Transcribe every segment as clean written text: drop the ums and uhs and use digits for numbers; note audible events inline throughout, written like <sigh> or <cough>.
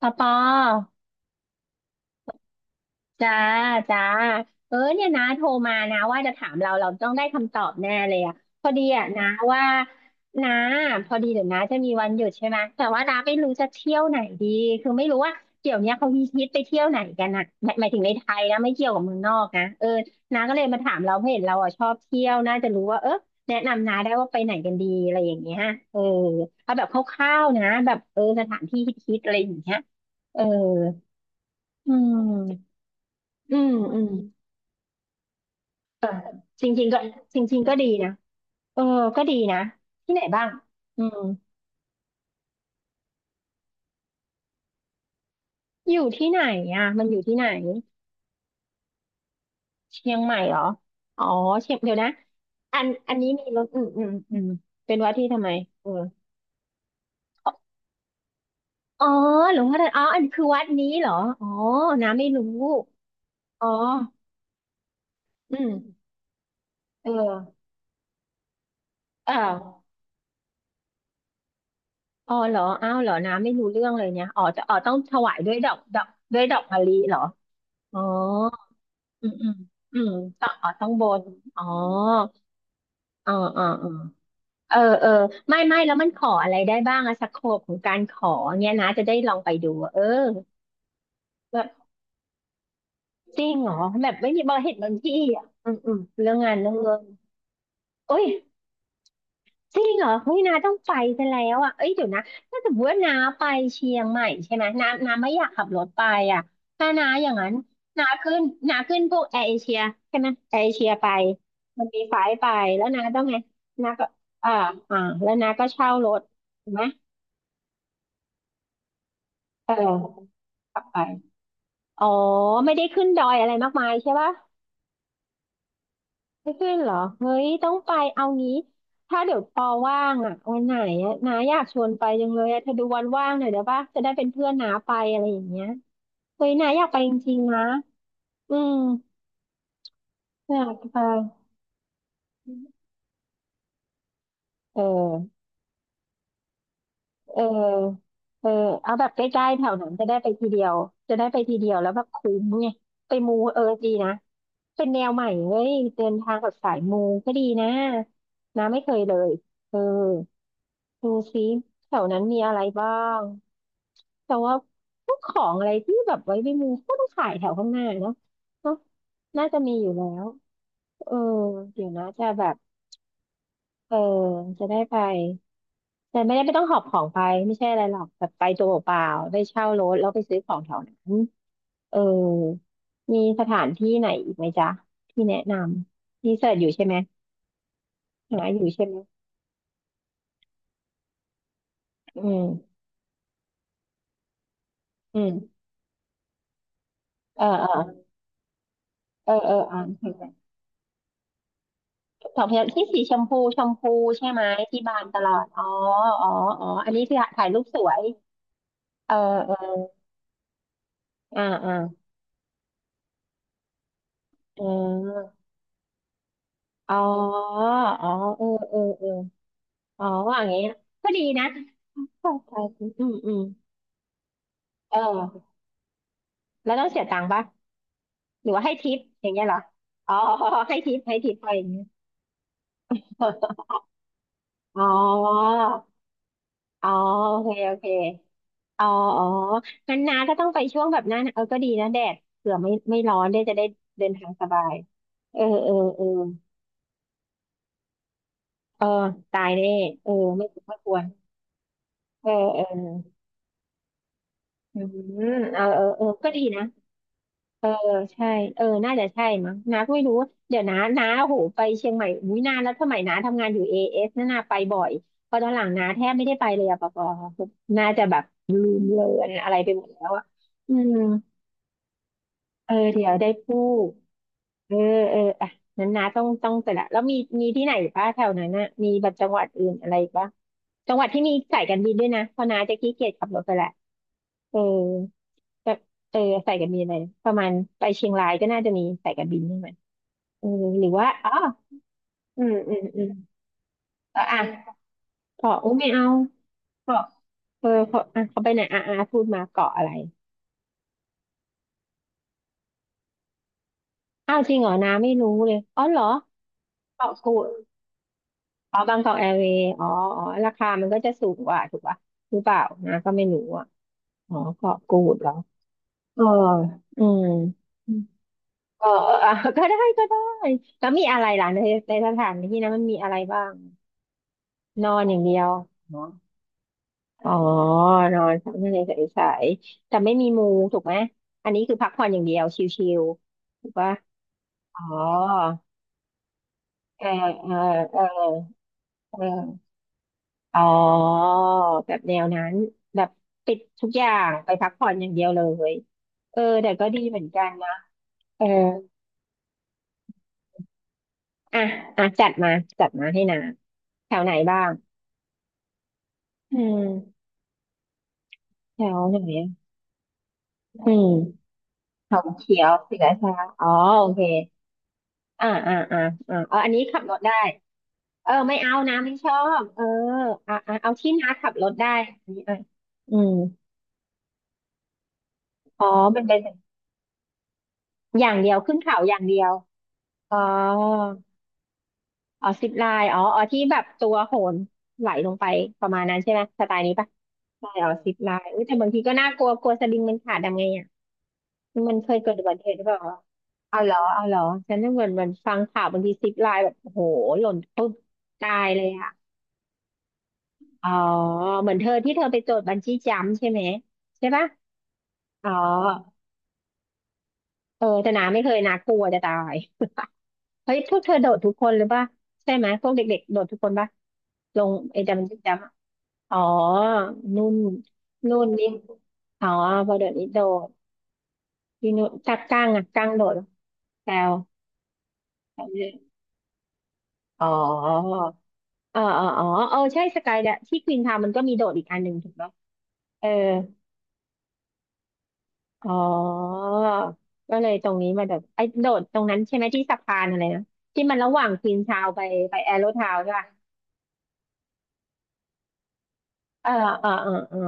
ปอปอจ้าจ้าเออเนี่ยนะโทรมานะว่าจะถามเราเราต้องได้คำตอบแน่เลยอะพอดีอะนะว่านะพอดีเดี๋ยวนะจะมีวันหยุดใช่ไหมแต่ว่านะไม่รู้จะเที่ยวไหนดีคือไม่รู้ว่าเดี๋ยวเนี้ยเขามีฮิตไปเที่ยวไหนกันอะหมายถึงในไทยนะไม่เกี่ยวกับเมืองนอกนะเออนาก็เลยมาถามเราเพราะเห็นเราอะชอบเที่ยวน่าจะรู้ว่าเออแนะนำนาได้ว่าไปไหนกันดีอะไรอย่างเงี้ยเออเอาแบบคร่าวๆนะแบบเออสถานที่ฮิตๆอะไรอย่างเงี้ยเอออืม อืมอืมเออจริงๆก็จริงๆก็ดีนะเออก็ดีนะที่ไหนบ้างอืมอยู่ที่ไหนอ่ะมันอยู่ที่ไหนเชียงใหม่เหรออ๋อเชียงเดี๋ยวนะอันอันนี้มีรถอืมอืมอืมเป็นวัดที่ทำไมเอออ๋อหลวงพ่อทันอ๋ออันคือวัดนี้เหรออ๋อน้ำไม่รู้อ๋ออืมเออเอออ๋อเหรออ้าวเหรอน้ำไม่รู้เรื่องเลยเนี่ยอ๋อจะอ๋อต้องถวายด้วยดอกดอกด้วยดอกมะลิเหรออ๋อ อืมอืมอืมต้องขอต้องบนอ๋ออ๋ออ๋ออ๋อเออเออไม่ไม่แล้วมันขออะไรได้บ้างอะสโคปของการขอเนี่ยนะจะได้ลองไปดูอะเออแบบจริงเหรอแบบไม่มีบอเห็นบางที่อะอืมอืมเรื่องงานเรื่องเงินโอ้ย จริงเหรอเฮ้ยนาต้องไปซะแล้วอ่ะเอ้ยเดี๋ยวนะถ้าสมมติว่านาไปเชียงใหม่ใช่ไหมนาไม่อยากขับรถไปอ่ะถ้านาอย่างนั้นนาขึ้นพวกแอร์เอเชียใช่ไหมแอร์เอเชียไปมันมีไฟล์ไปแล้วนาต้องไงนาก็อ่าอ่าแล้วนาก็เช่ารถถูกไหมเออขับไปอ๋อไม่ได้ขึ้นดอยอะไรมากมายใช่ปะ ไม่ขึ้นเหรอเฮ้ยต้องไปเอางี้ ถ้าเดี๋ยวปอว่างอ่ะวันไหนอ่ะนาอยากชวนไปจังเลยอ่ะเธอดูวันว่างหน่อยเดี๋ยวป่ะจะได้เป็นเพื่อนนาไปอะไรอย่างเงี้ยเฮ้ยนาอยากไปจริงๆนะอืมอยากไปเออเออเออเอาแบบใกล้ๆแถวนั้นจะได้ไปทีเดียวจะได้ไปทีเดียวแล้วแบบคุ้มไงไปมูเออดีนะเป็นแนวใหม่เว้ยเดินทางกับสายมูก็ดีนะนะไม่เคยเลยเออ ดูซิแถวนั้นมีอะไรบ้างแต่ว่าพวกของอะไรที่แบบไว้ในมือก็ต้องขายแถวข้างหน้าเนาะเนาะน่าจะมีอยู่แล้วเออเดี๋ยวนะจะแบบเออจะได้ไปแต่ไม่ได้ไม่ต้องหอบของไปไม่ใช่อะไรหรอกแบบไปตัวเปล่าๆได้เช่ารถแล้วไปซื้อของแถวนั้นเออมีสถานที่ไหนอีกไหมจ๊ะที่แนะนำรีเสิร์ชอยู่ใช่ไหมหาอยู่ใช่ไหมอืมอืมเออเออเออเอออ่าน ดอกพญาที่สีชมพูชมพูใช่ไหมที่บานตลอดอ๋ออ๋ออ๋ออันนี้คือถ่ายรูปสวยเออเอออ่าอ่าเอออ๋ออ๋อเออเออเอออ๋ออย่างเงี้ยก็ดีนะใช่ใช่อืมอืมเออแล้วต้องเสียตังค์ปะหรือว่าให้ทิปอย่างเงี้ยเหรออ๋อให้ทิปให้ทิปไปอย่างเงี้ย <laughs> อ๋ออ๋อโอเคโอเค อ๋ออ๋องั้นน้าก็ต้องไปช่วงแบบหนั้นเออก็ดีนะแดดเผื่อไม่ไม่ร้อนได้จะได้เดินทางสบายเออเออเออเออตายแน่เออไม่ถูกไม่ควรเออเอออืมเออเออเออก็ดีนะเออใช่เออน่าจะใช่มั้งน้าก็ไม่รู้เดี๋ยวน้าโอ้โหไปเชียงใหม่อุ้ยนานแล้วสมัยน้าทำงานอยู่เอเอสน่านาไปบ่อยพอตอนหลังน้าแทบไม่ได้ไปเลยอะปะปอน่าจะแบบลืมเลือนอะไรไปหมดแล้วอะอืม เออเดี๋ยวได้พูดเออเอออ่ะนั้นนะต้องแต่ละแล้วมีมีที่ไหนป่ะแถวนั้นน่ะมีแบบจังหวัดอื่นอะไรป่ะจังหวัดที่มีสายการบินด้วยนะเพราะน้าจะขี้เกียจขับรถไปแหละเออแบบเออสายการบินอะไรประมาณไปเชียงรายก็น่าจะมีสายการบินใช่ไหมเออหรือว่าอ๋ออืมอืมอืมอ่ะอ่ะเกาะอุ้ยไม่เอาเกาะเออเกาะอ่ะเขาไปไหนอ่ะอ่ะพูดมาเกาะอะไรอ้าวจริงเหรอน้าไม่รู้เลยอ๋อเหรอเกาะกูด อ๋อบางกอกแอร์เวย์อ๋ออ๋อราคามันก็จะสูงกว่าถูกป่ะหรือเปล่านะก็ไม่รู้อ่ะอ๋อเกาะกูดเหรอเอออืมเออเออ <laughs> อ่ะก็ได้ก็ได้ แล้วมีอะไรล่ะในในสถานที่นั้นมันมีอะไรบ้าง นอนอย่างเดียวเนอะอ๋อ นอนพักในใสๆแต่ไม่มีมู ถูกไหม อันนี้คือพักผ่อนอย่างเดียว ชิลๆถูกป่ะอ๋อเออเออเออเออ อ๋อแบบแนวนั้นแบบปิดทุกอย่างไปพักผ่อนอย่างเดียวเลยเออแต่ก็ดีเหมือนกันนะเอออ่ะอ่ะจัดมาให้นาแถวไหนบ้างอืมแถวไหนอะอืมเขาเขียวศรีราชาอ๋อโอเคอ่าอ่าอ่าเอาอันนี้ขับรถได้เออไม่เอานะไม่ชอบเออเอาที่น้าขับรถได้อันนี้อ่ะอืมอ๋อเป็นอย่างเดียวขึ้นเขาอย่างเดียวอ๋อ อ๋อซิปไลน์อ๋ออ๋อที่แบบตัวโหนไหลลงไปประมาณนั้นใช่ไหมสไตล์นี้ปะใช่อ๋อซิปไลน์อุ้ยแต่บางทีก็น่ากลัวกลัวสลิงมันขาดทำไงอ่ะมันเคยเกิดอุบัติเหตุหรือเปล่าวะเอาเหรอฉันนึกเหมือนฟังข่าวบางทีซิปไลน์แบบโอ้โหหล่นปุ๊บตายเลยอ่ะอ๋อเหมือนเธอที่เธอไปโจทย์บันจี้จัมพ์ใช่ไหมใช่ปะอ๋อเออแต่นาไม่เคยนากลัวจะตาย <laughs> เฮ้ยพวกเธอโดดทุกคนหรือปะใช่ไหมพวกเด็กๆโดดทุกคนปะลงไอ้จัมพ์บันจี้จัมพ์ อ๋อ นุ่นนุ่นนี่อ๋อพอเดี๋ยวนี้โดดพี่นุ่นจักกั้งอ่ะกั้งโดดเหรอแซวเล่นอ๋อเออเอออ๋อเออใช่สกายเดะที่ควีนทาวมันก็มีโดดอีกอันหนึ่งถูกปะเอออ๋อก็เลยตรงนี้มาโดดไอ้โดดตรงนั้นใช่ไหมที่สะพานอะไรนะ ที่มันระหว่างควีนทาวไปแอโรทาวใช่ปะเออเออเออเออ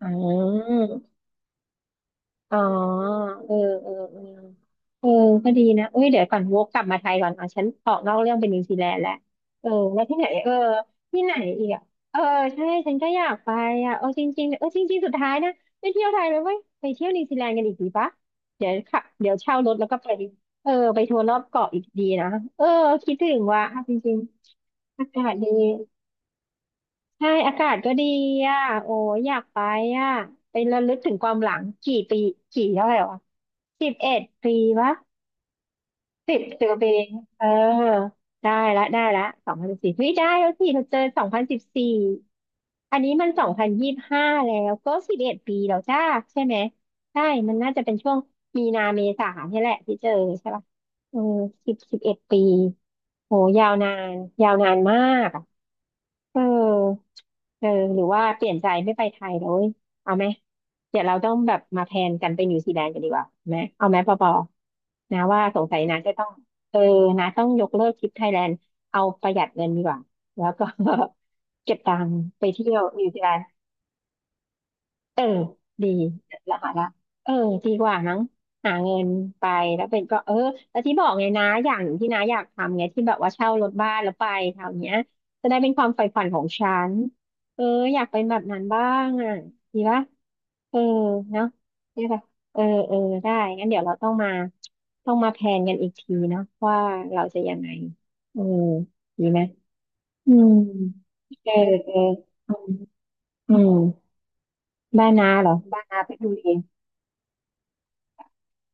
อ๋อ อ๋อเออเออเออเออก็ดีนะเอ้ยเดี๋ยวก่อนวกกลับมาไทยก่อนอ่ฉันออกนอกเรื่องเป็นนิวซีแลนด์แล้วเออแล้วที่ไหนเออที่ไหนอีกอ่ะเออใช่ฉันก็อยากไปอ่ะเออจริงๆเออจริงๆสุดท้ายนะไปเที่ยวไทยเลยเว้ยไปเที่ยวนิวซีแลนด์กันอีกดีปะเดี๋ยวขับเดี๋ยวเช่ารถแล้วก็ไปเออไปทัวร์รอบเกาะอีกดีนะเออคิดถึงว่ะจริงๆอากาศดี ใช่อากาศก็ดีอ่ะโอ้ยอยากไปอ่ะไประลึกถึงความหลังกี่ปีกี่เท่าไหร่วะสิบเอ็ดปีวะสิบสิบปีเองเออได้ละได้ละสองพันสิบสี่เฮ้ยได้แล้วสิเราเจอสองพันสิบสี่อันนี้มัน2025แล้วก็สิบเอ็ดปีแล้วจ้าใช่ไหมใช่มันน่าจะเป็นช่วงมีนาเมษาเนี่ยแหละที่เจอใช่ป่ะเออสิบเอ็ดปีโหยาวนานยาวนานมาก เออเออหรือว่าเปลี่ยนใจไม่ไปไทยแล้วเว้ยเอาไหม เดี๋ยวเราต้องแบบมาแพลนกันไปนิวซีแลนด์กันดีกว่าไหมเอาไหมปอปอนะว่าสงสัยนะจะต้องเออนะต้องยกเลิกทริปไทยแลนด์ เอาประหยัดเงินดีกว่า แล้วก็ <laughs> เก็บตังค์ไปเที่ยวนิวซีแลนด์ เออ ดีละหาละเออดีกว่ามั้งหาเงินไปแล้วเป็นก็เออแล้วที่บอกไงนะอย่างหนึ่งที่น้าอยากทำไงที่แบบว่าเช่ารถบ้านแล้วไปแถวเนี้ยจะได้เป็นความใฝ่ฝันของฉันเออ อยากเป็นแบบนั้นบ้างอ่ะดีปะเออเนาะได้ปะเออเออได้งั้นเดี๋ยวเราต้องมาต้องมาแพลนกันอีกทีเนาะว่าเราจะยังไงเออดีไหมอืมเออเอออืมอืมบ้านน้าเหรอบ้านนาเพชรบุรี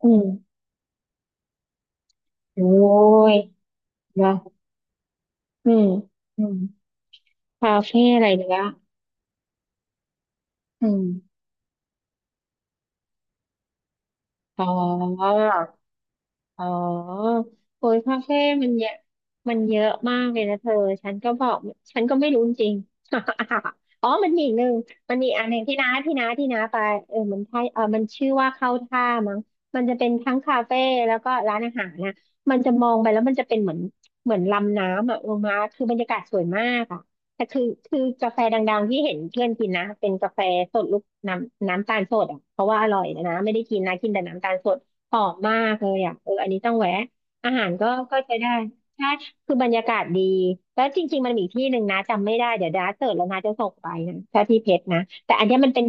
อืมโอ้ยนะอืมอืมคาเฟ่อะไรเนี้ยอืมอ๋อ อ๋อโอ้ยคาเฟ่มันเยอะมันเยอะมากเลยนะเธอ ฉันก็บอก ฉันก็ไม่รู้จริง <laughs> อ๋อมันมีอีกหนึ่งมันมีอีกอันหนึ่งที่น้าไปเออมันใช่เออมันชื่อว่าเข้าท่ามั้งมันจะเป็นทั้งคาเฟ่แล้วก็ร้านอาหารนะมันจะมองไปแล้วมันจะเป็นเหมือนลำน้ำอ่ะลงมาคือบรรยากาศสวยมากอ่ะแต่คือกาแฟดังๆที่เห็นเพื่อนกินนะ เป็นกาแฟสดลูกน้ำตาลสดอ่ะเพราะว่าอร่อยนะนะไม่ได้กินนะกินแต่น้ำตาลสด หอมมากเลยอ่ะเอออันนี้ต้องแวะอาหารก็ใช้ได้ใช่คือบรรยากาศดีแล้วจริงๆมันมีอีกที่หนึ่งนะจำไม่ได้เดี๋ยวดาเสิร์ชแล้วนะจะส่งไปนะถ้าที่เพชรนะแต่อันเนี้ยมันเป็น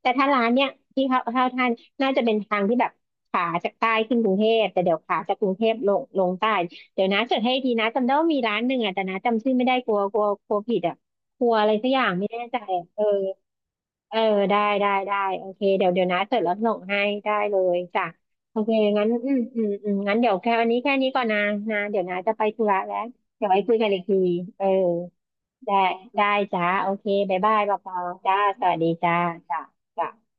แต่ถ้าร้านเนี้ยที่เขาเท่าท่านน่าจะเป็นทางที่แบบขาจากใต้ขึ้นกรุงเทพแต่เดี๋ยวขาจากกรุงเทพลงใต้เดี๋ยวนะเสิร์ชให้ทีนะจำได้ว่ามีร้านหนึ่งอ่ะแต่นะจำชื่อไม่ได้กลัวกลัวกลัวผิดอ่ะกลัวอะไรสักอย่างไม่แน่ใจอะเออเออได้โอเคเดี๋ยวนะเสร็จแล้วส่งให้ได้เลยจ้ะ โอเคงั้นอืมงั้นเดี๋ยวแค่วันนี้แค่นี้ก่อนนะนะเดี๋ยวนะจะไปธุระแล้ว เดี๋ยวไว้คุยกันอีกที เออ ได้ได้จ้า โอเคบ๊ายบายปอปอจ้าสวัสดีจ้า จ้าจ้า